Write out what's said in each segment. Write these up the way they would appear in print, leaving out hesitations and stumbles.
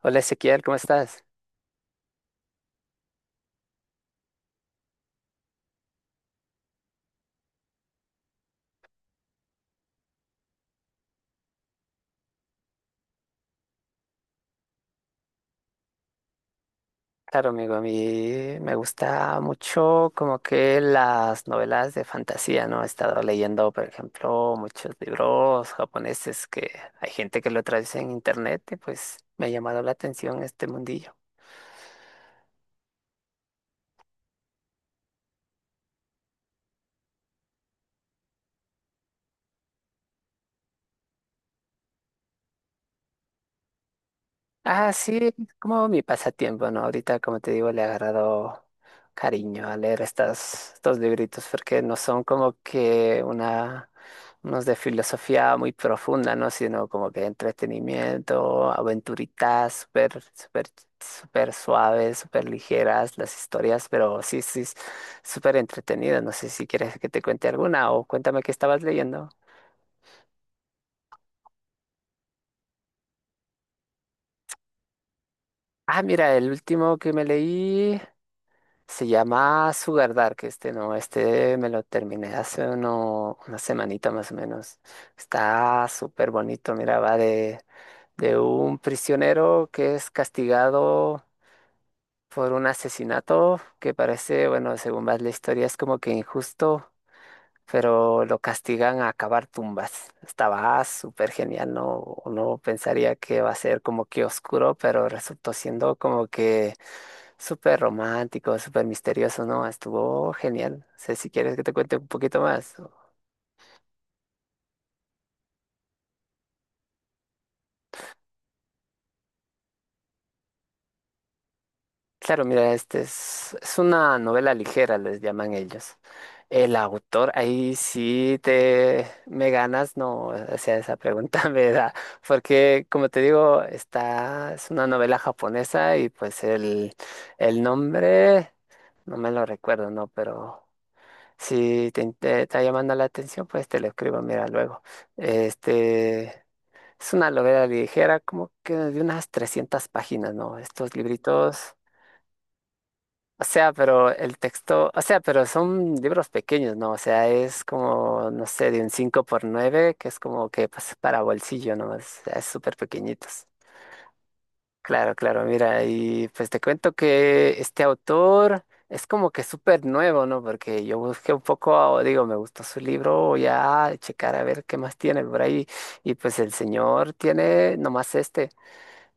Hola Ezequiel, ¿cómo estás? Claro, amigo, a mí me gusta mucho como que las novelas de fantasía, ¿no? He estado leyendo, por ejemplo, muchos libros japoneses que hay gente que lo traduce en internet y pues me ha llamado la atención este mundillo. Ah, sí, es como mi pasatiempo, ¿no? Ahorita, como te digo, le he agarrado cariño a leer estos libritos, porque no son como que unos de filosofía muy profunda, ¿no? Sino como que entretenimiento, aventuritas, súper, súper, súper suaves, súper ligeras las historias, pero sí, sí, es súper entretenidas. No sé si quieres que te cuente alguna o cuéntame qué estabas leyendo. Ah, mira, el último que me leí. Se llama Sugar Dark este, ¿no? Este me lo terminé hace una semanita más o menos. Está súper bonito, mira, va de un prisionero que es castigado por un asesinato que parece, bueno, según va la historia, es como que injusto, pero lo castigan a cavar tumbas. Estaba súper genial, no, uno pensaría que va a ser como que oscuro, pero resultó siendo como que súper romántico, súper misterioso, ¿no? Estuvo genial. No sé si quieres que te cuente un poquito más. Claro, mira, este es una novela ligera, les llaman ellos. El autor, ahí sí te me ganas, no, o sea, esa pregunta me da, porque como te digo, es una novela japonesa y pues el nombre, no me lo recuerdo, no, pero si te está llamando la atención, pues te lo escribo, mira, luego. Este, es una novela ligera, como que de unas 300 páginas, ¿no? Estos libritos. O sea, pero el texto, o sea, pero son libros pequeños, ¿no? O sea, es como, no sé, de un 5 por 9, que es como que pues, para bolsillo, ¿no? O sea, es súper pequeñitos. Claro, claro, mira, y pues te cuento que este autor es como que súper nuevo, ¿no? Porque yo busqué un poco, digo, me gustó su libro, voy a checar a ver qué más tiene por ahí. Y pues el señor tiene nomás este,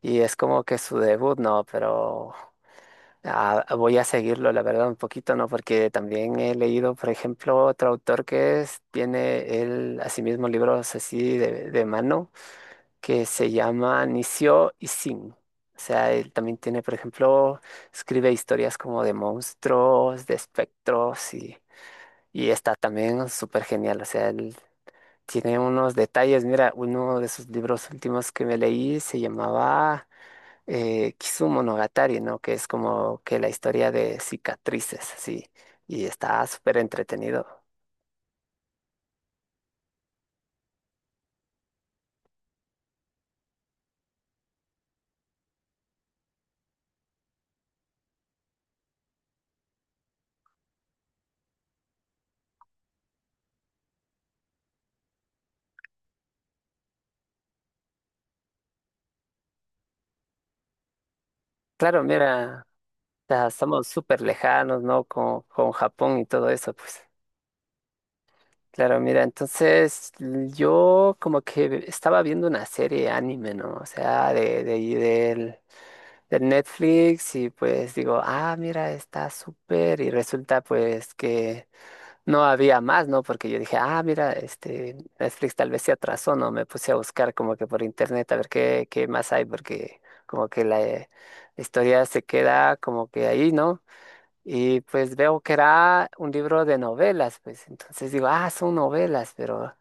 y es como que su debut, ¿no? Pero voy a seguirlo, la verdad, un poquito, ¿no? Porque también he leído, por ejemplo, otro autor que tiene él asimismo libros así de mano, que se llama Nisio Isin. O sea, él también tiene, por ejemplo, escribe historias como de monstruos, de espectros y está también súper genial. O sea, él tiene unos detalles. Mira, uno de sus libros últimos que me leí se llamaba Kisumonogatari, ¿no? Que es como que la historia de cicatrices, sí, y está súper entretenido. Claro, mira, ya estamos súper lejanos, ¿no? Con Japón y todo eso, pues. Claro, mira, entonces yo como que estaba viendo una serie anime, ¿no? O sea, ahí del Netflix, y pues digo, ah, mira, está súper y resulta pues que no había más, ¿no? Porque yo dije, ah, mira, este, Netflix tal vez se atrasó, ¿no? Me puse a buscar como que por internet a ver qué más hay, porque como que la historia se queda como que ahí, ¿no? Y pues veo que era un libro de novelas, pues entonces digo, ah, son novelas, pero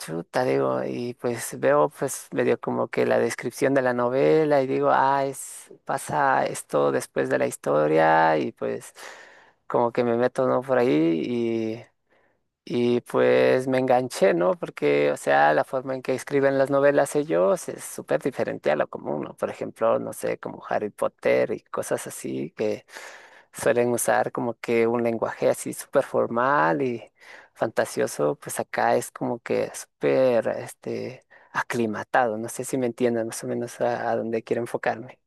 chuta, digo, y pues veo pues medio como que la descripción de la novela y digo, ah, es, pasa esto después de la historia y pues como que me meto, ¿no? Por ahí, y pues me enganché, ¿no? Porque, o sea, la forma en que escriben las novelas ellos es súper diferente a lo común, ¿no? Por ejemplo, no sé, como Harry Potter y cosas así, que suelen usar como que un lenguaje así súper formal y fantasioso, pues acá es como que súper, este, aclimatado. No sé si me entienden más o menos a dónde quiero enfocarme.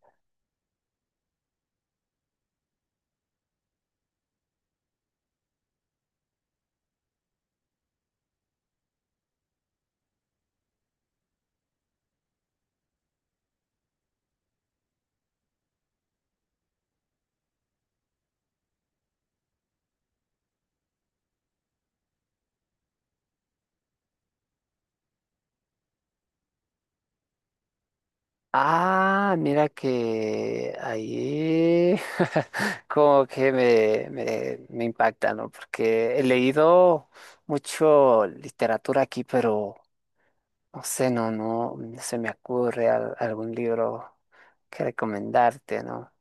Ah, mira que ahí como que me impacta, ¿no? Porque he leído mucho literatura aquí, pero no sé, no, no se me ocurre algún libro que recomendarte, ¿no?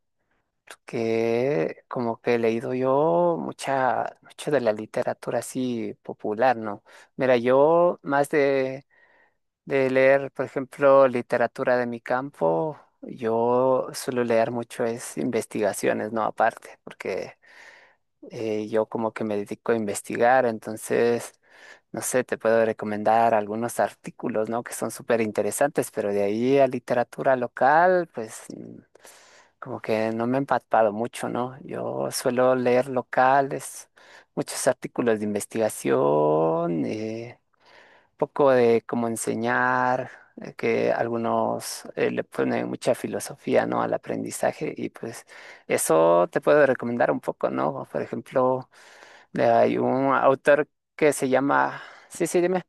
Porque como que he leído yo mucho de la literatura así popular, ¿no? Mira, yo más de leer, por ejemplo, literatura de mi campo, yo suelo leer mucho es investigaciones, ¿no? Aparte, porque yo como que me dedico a investigar, entonces, no sé, te puedo recomendar algunos artículos, ¿no? Que son súper interesantes, pero de ahí a literatura local, pues como que no me he empapado mucho, ¿no? Yo suelo leer locales, muchos artículos de investigación. Poco de cómo enseñar, que algunos le ponen mucha filosofía, ¿no?, al aprendizaje, y pues eso te puedo recomendar un poco, ¿no? Por ejemplo, hay un autor que se llama... Sí, sí, dime.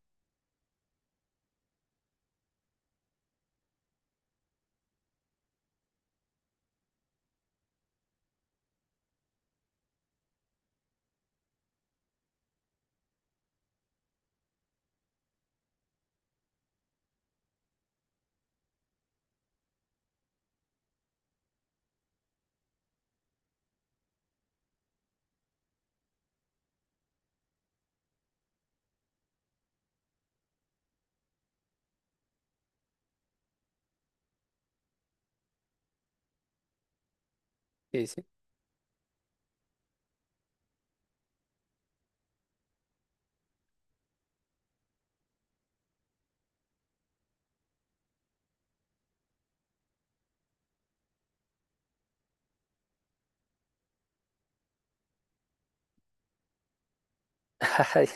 Sí, sí. Ay,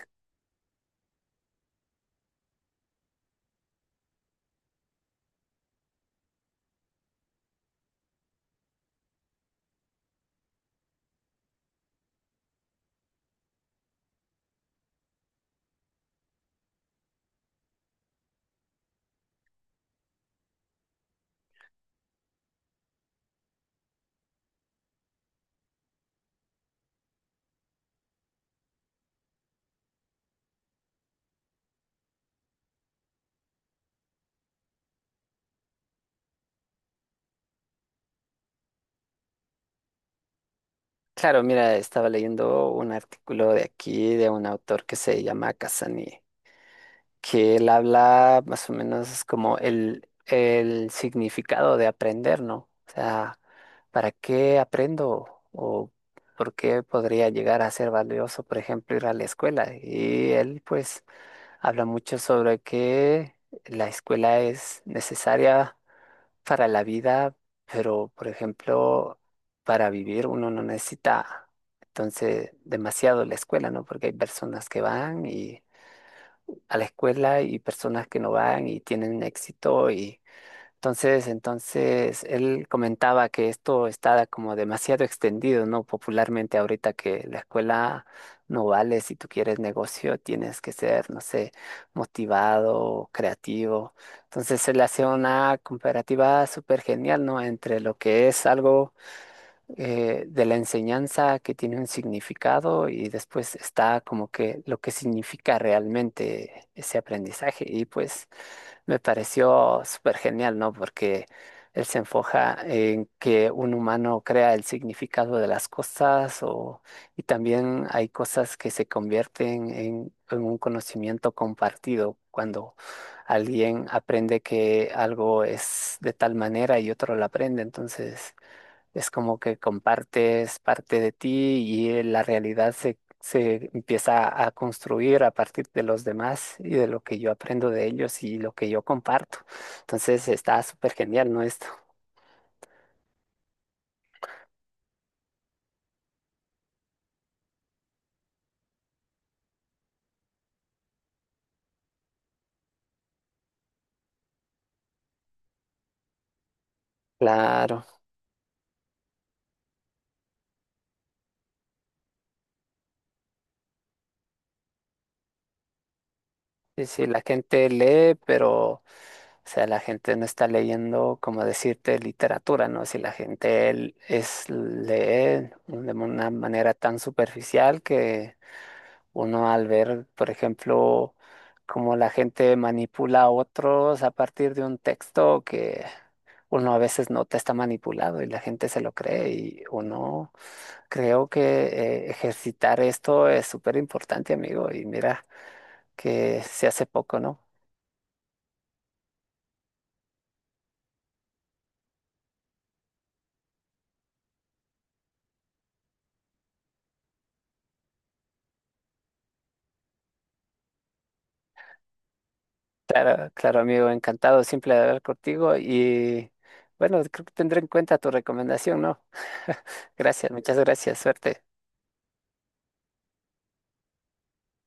claro, mira, estaba leyendo un artículo de aquí de un autor que se llama Casani, que él habla más o menos como el significado de aprender, ¿no? O sea, ¿para qué aprendo? ¿O por qué podría llegar a ser valioso, por ejemplo, ir a la escuela? Y él pues habla mucho sobre que la escuela es necesaria para la vida, pero por ejemplo, para vivir uno no necesita entonces demasiado la escuela, ¿no? Porque hay personas que van y a la escuela y personas que no van y tienen éxito, y entonces él comentaba que esto está como demasiado extendido, ¿no? Popularmente ahorita que la escuela no vale, si tú quieres negocio tienes que ser, no sé, motivado, creativo. Entonces él hace una comparativa súper genial, ¿no? Entre lo que es algo de la enseñanza que tiene un significado y después está como que lo que significa realmente ese aprendizaje. Y pues me pareció súper genial, ¿no? Porque él se enfoca en que un humano crea el significado de las cosas, o, y también hay cosas que se convierten en un conocimiento compartido cuando alguien aprende que algo es de tal manera y otro lo aprende. Entonces... Es como que compartes parte de ti y la realidad se empieza a construir a partir de los demás y de lo que yo aprendo de ellos y lo que yo comparto. Entonces está súper genial, ¿no? Esto. Claro. Sí, sí, la gente lee, pero, o sea, la gente no está leyendo, como decirte, literatura, ¿no? Si la gente lee de una manera tan superficial que uno al ver, por ejemplo, cómo la gente manipula a otros a partir de un texto que uno a veces nota está manipulado y la gente se lo cree, y uno creo que ejercitar esto es súper importante, amigo. Y mira que se hace poco, ¿no? Claro, amigo, encantado siempre de hablar contigo y bueno, creo que tendré en cuenta tu recomendación, ¿no? Gracias, muchas gracias, suerte.